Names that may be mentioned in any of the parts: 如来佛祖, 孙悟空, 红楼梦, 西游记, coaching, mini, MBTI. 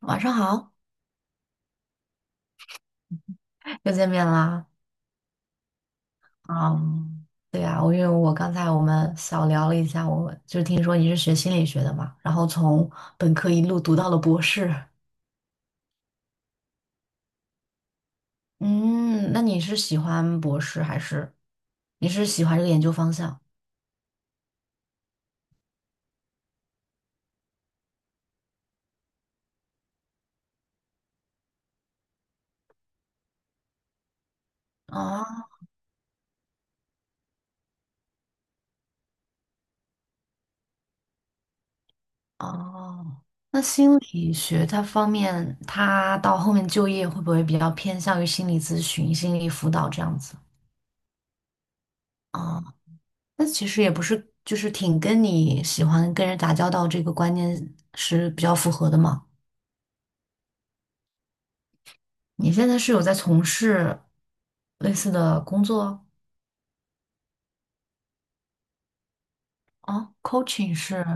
晚上好，又见面啦。嗯，对呀，我因为我刚才我们小聊了一下，我就听说你是学心理学的嘛，然后从本科一路读到了博士。嗯，那你是喜欢博士还是你是喜欢这个研究方向？啊？哦，那心理学它方面，它到后面就业会不会比较偏向于心理咨询、心理辅导这样子？啊？那其实也不是，就是挺跟你喜欢跟人打交道这个观念是比较符合的嘛。你现在是有在从事类似的工作。啊？coaching 是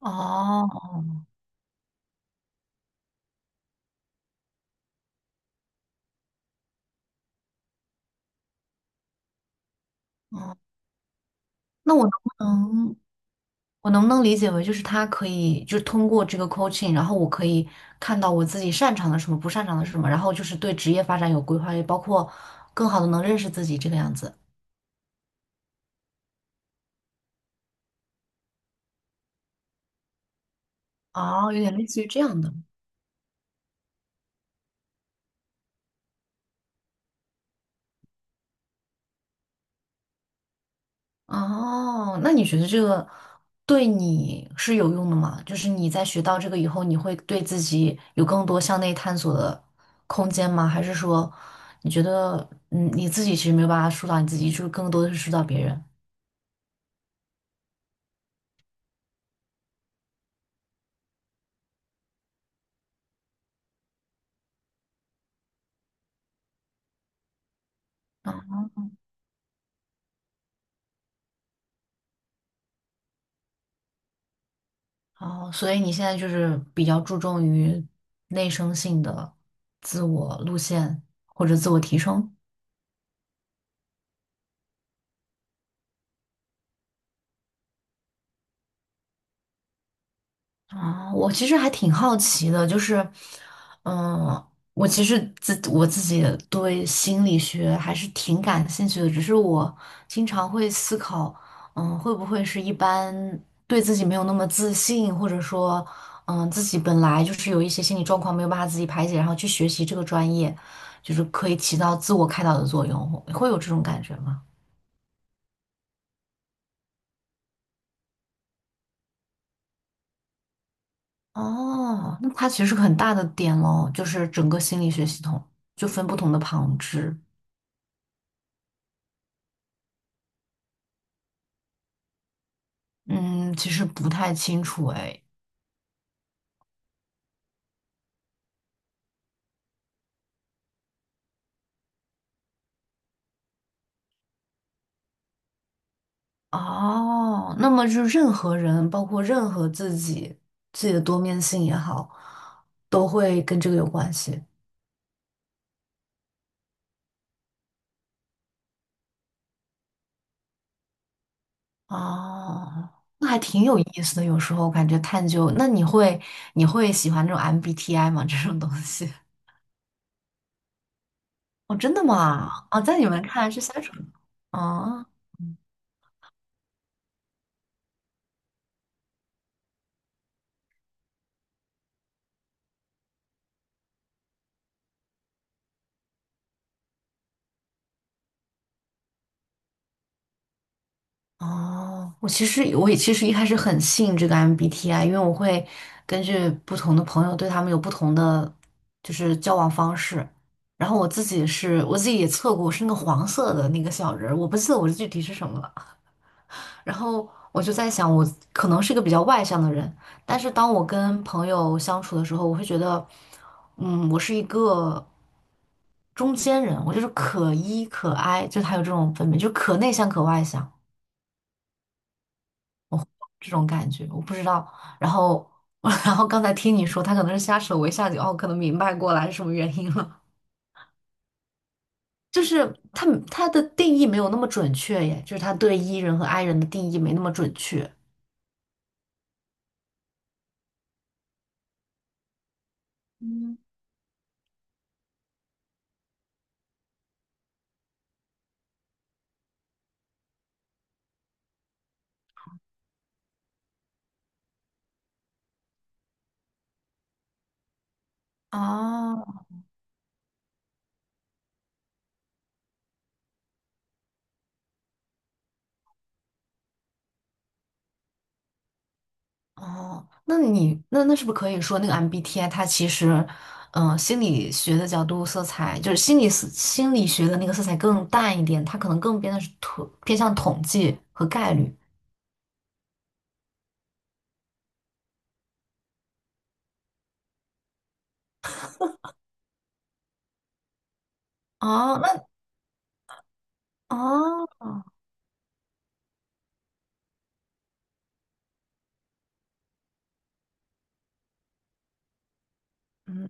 哦，嗯，那我能不能理解为就是他可以就是通过这个 coaching，然后我可以看到我自己擅长的什么，不擅长的是什么，然后就是对职业发展有规划，也包括更好的能认识自己这个样子。哦，有点类似于这样的。哦，那你觉得这个对你是有用的吗？就是你在学到这个以后，你会对自己有更多向内探索的空间吗？还是说你觉得，你自己其实没有办法疏导你自己，就是更多的是疏导别人？嗯。哦，所以你现在就是比较注重于内生性的自我路线或者自我提升。啊，我其实还挺好奇的，嗯，我自己对心理学还是挺感兴趣的，只是我经常会思考，会不会是一般对自己没有那么自信，或者说，自己本来就是有一些心理状况没有办法自己排解，然后去学习这个专业，就是可以起到自我开导的作用，会有这种感觉吗？哦，那它其实是个很大的点喽，就是整个心理学系统就分不同的旁支。嗯，其实不太清楚哎。哦，那么就任何人，包括任何自己，自己的多面性也好，都会跟这个有关系。哦，那还挺有意思的。有时候感觉探究，那你会喜欢这种 MBTI 吗？这种东西？哦，真的吗？哦，在你们看来是相处哦。哦，我也其实一开始很信这个 MBTI，因为我会根据不同的朋友对他们有不同的就是交往方式。然后我自己也测过，我是那个黄色的那个小人儿，我不记得我具体是什么了。然后我就在想，我可能是一个比较外向的人，但是当我跟朋友相处的时候，我会觉得，我是一个中间人，我就是可 E 可 I，就他有这种分别，就可内向可外向。这种感觉，我不知道。然后，然后刚才听你说，他可能是瞎扯我一下就哦，可能明白过来是什么原因了。就是他的定义没有那么准确耶，就是他对 E 人和 I 人的定义没那么准确。哦。哦，那你那那是不是可以说那个 MBTI 它其实，心理学的角度色彩就是心理思心理学的那个色彩更淡一点，它可能更偏的是偏向统计和概率。哦，那哦。嗯，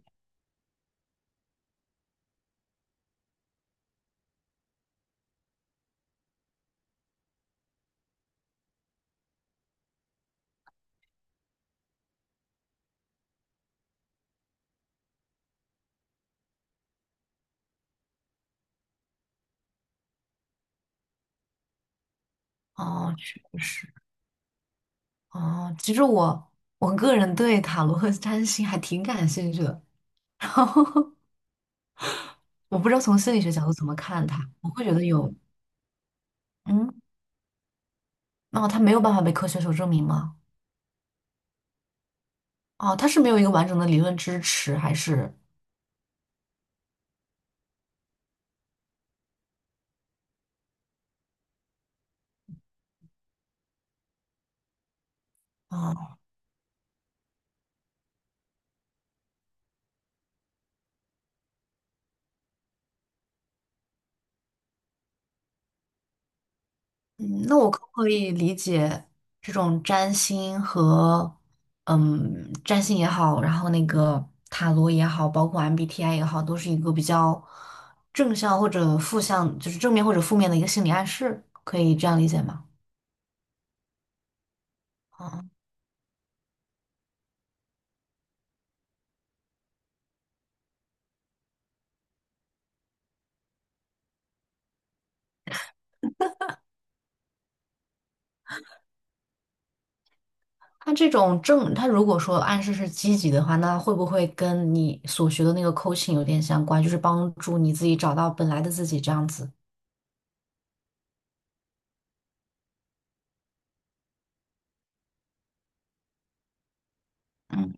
哦，确实。哦，其实我个人对塔罗和占星还挺感兴趣的，然后我不知道从心理学角度怎么看它，我会觉得有，嗯。哦，它没有办法被科学所证明吗？哦，它是没有一个完整的理论支持，还是？啊？嗯，那我可不可以理解这种占星和占星也好，然后那个塔罗也好，包括 MBTI 也好，都是一个比较正向或者负向，就是正面或者负面的一个心理暗示，可以这样理解吗？啊，它这种正，它如果说暗示是积极的话，那会不会跟你所学的那个 coaching 有点相关，就是帮助你自己找到本来的自己这样子？嗯。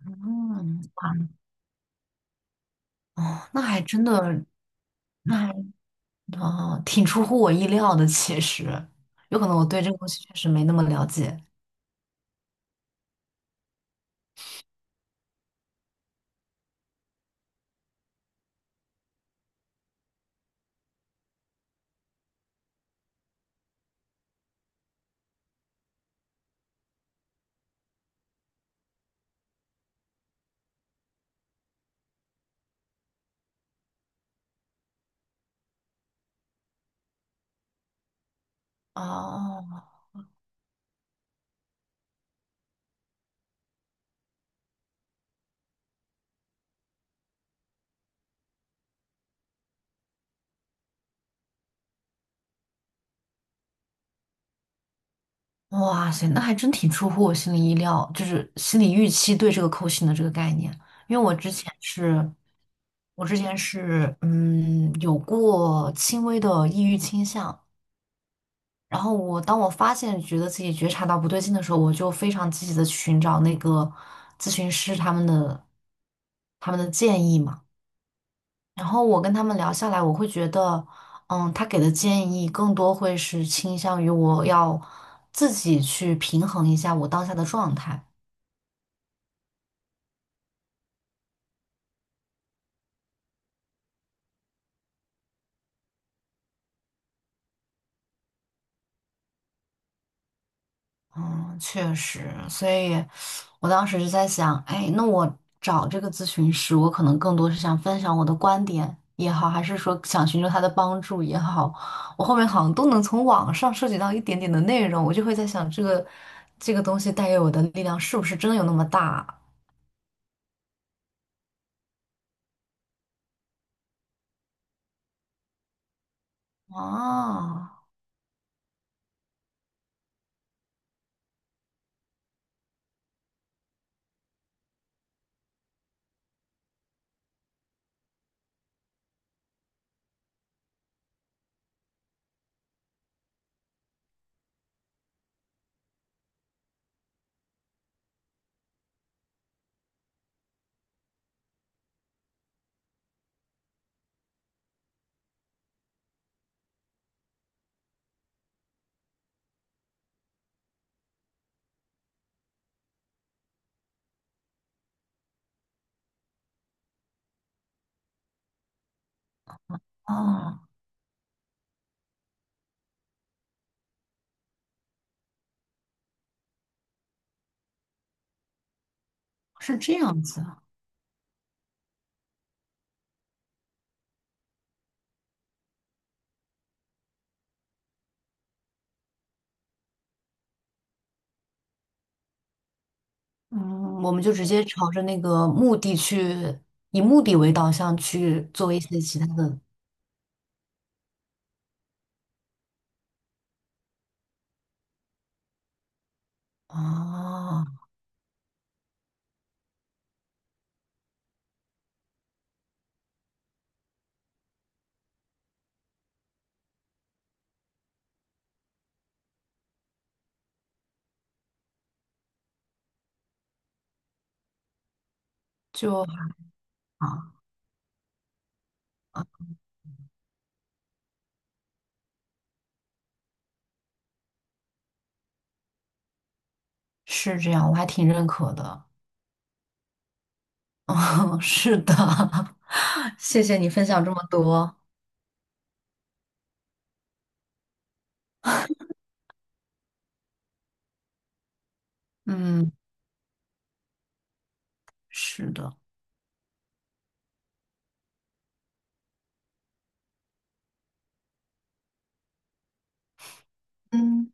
嗯，哇。哦，那还真的。那。哦，挺出乎我意料的，其实有可能我对这个东西确实没那么了解。哦，哇塞，那还真挺出乎我心里意料，就是心理预期对这个扣 o 的这个概念，因为我之前是，有过轻微的抑郁倾向，然后当我发现觉得自己觉察到不对劲的时候，我就非常积极的寻找那个咨询师他们的建议嘛。然后我跟他们聊下来，我会觉得，他给的建议更多会是倾向于我要自己去平衡一下我当下的状态。嗯，确实，所以我当时就在想，哎，那我找这个咨询师，我可能更多是想分享我的观点也好，还是说想寻求他的帮助也好，我后面好像都能从网上涉及到一点点的内容，我就会在想，这个东西带给我的力量是不是真的有那么大。啊？啊。哦，是这样子啊，嗯，我们就直接朝着那个目的去，以目的为导向去做一些其他的。啊，就啊。啊，是这样，我还挺认可的，嗯，是的，谢谢你分享这么多，嗯，是的，嗯。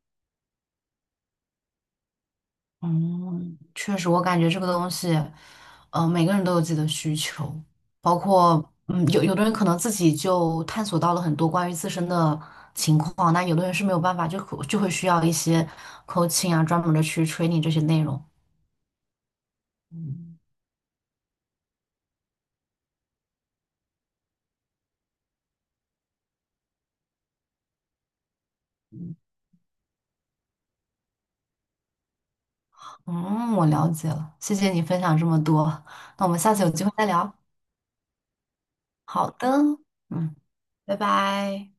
嗯，确实，我感觉这个东西，每个人都有自己的需求，包括，有的人可能自己就探索到了很多关于自身的情况，那有的人是没有办法，就会需要一些 coaching 啊，专门的去 training 这些内容。嗯，我了解了，谢谢你分享这么多，那我们下次有机会再聊。好的，嗯，拜拜。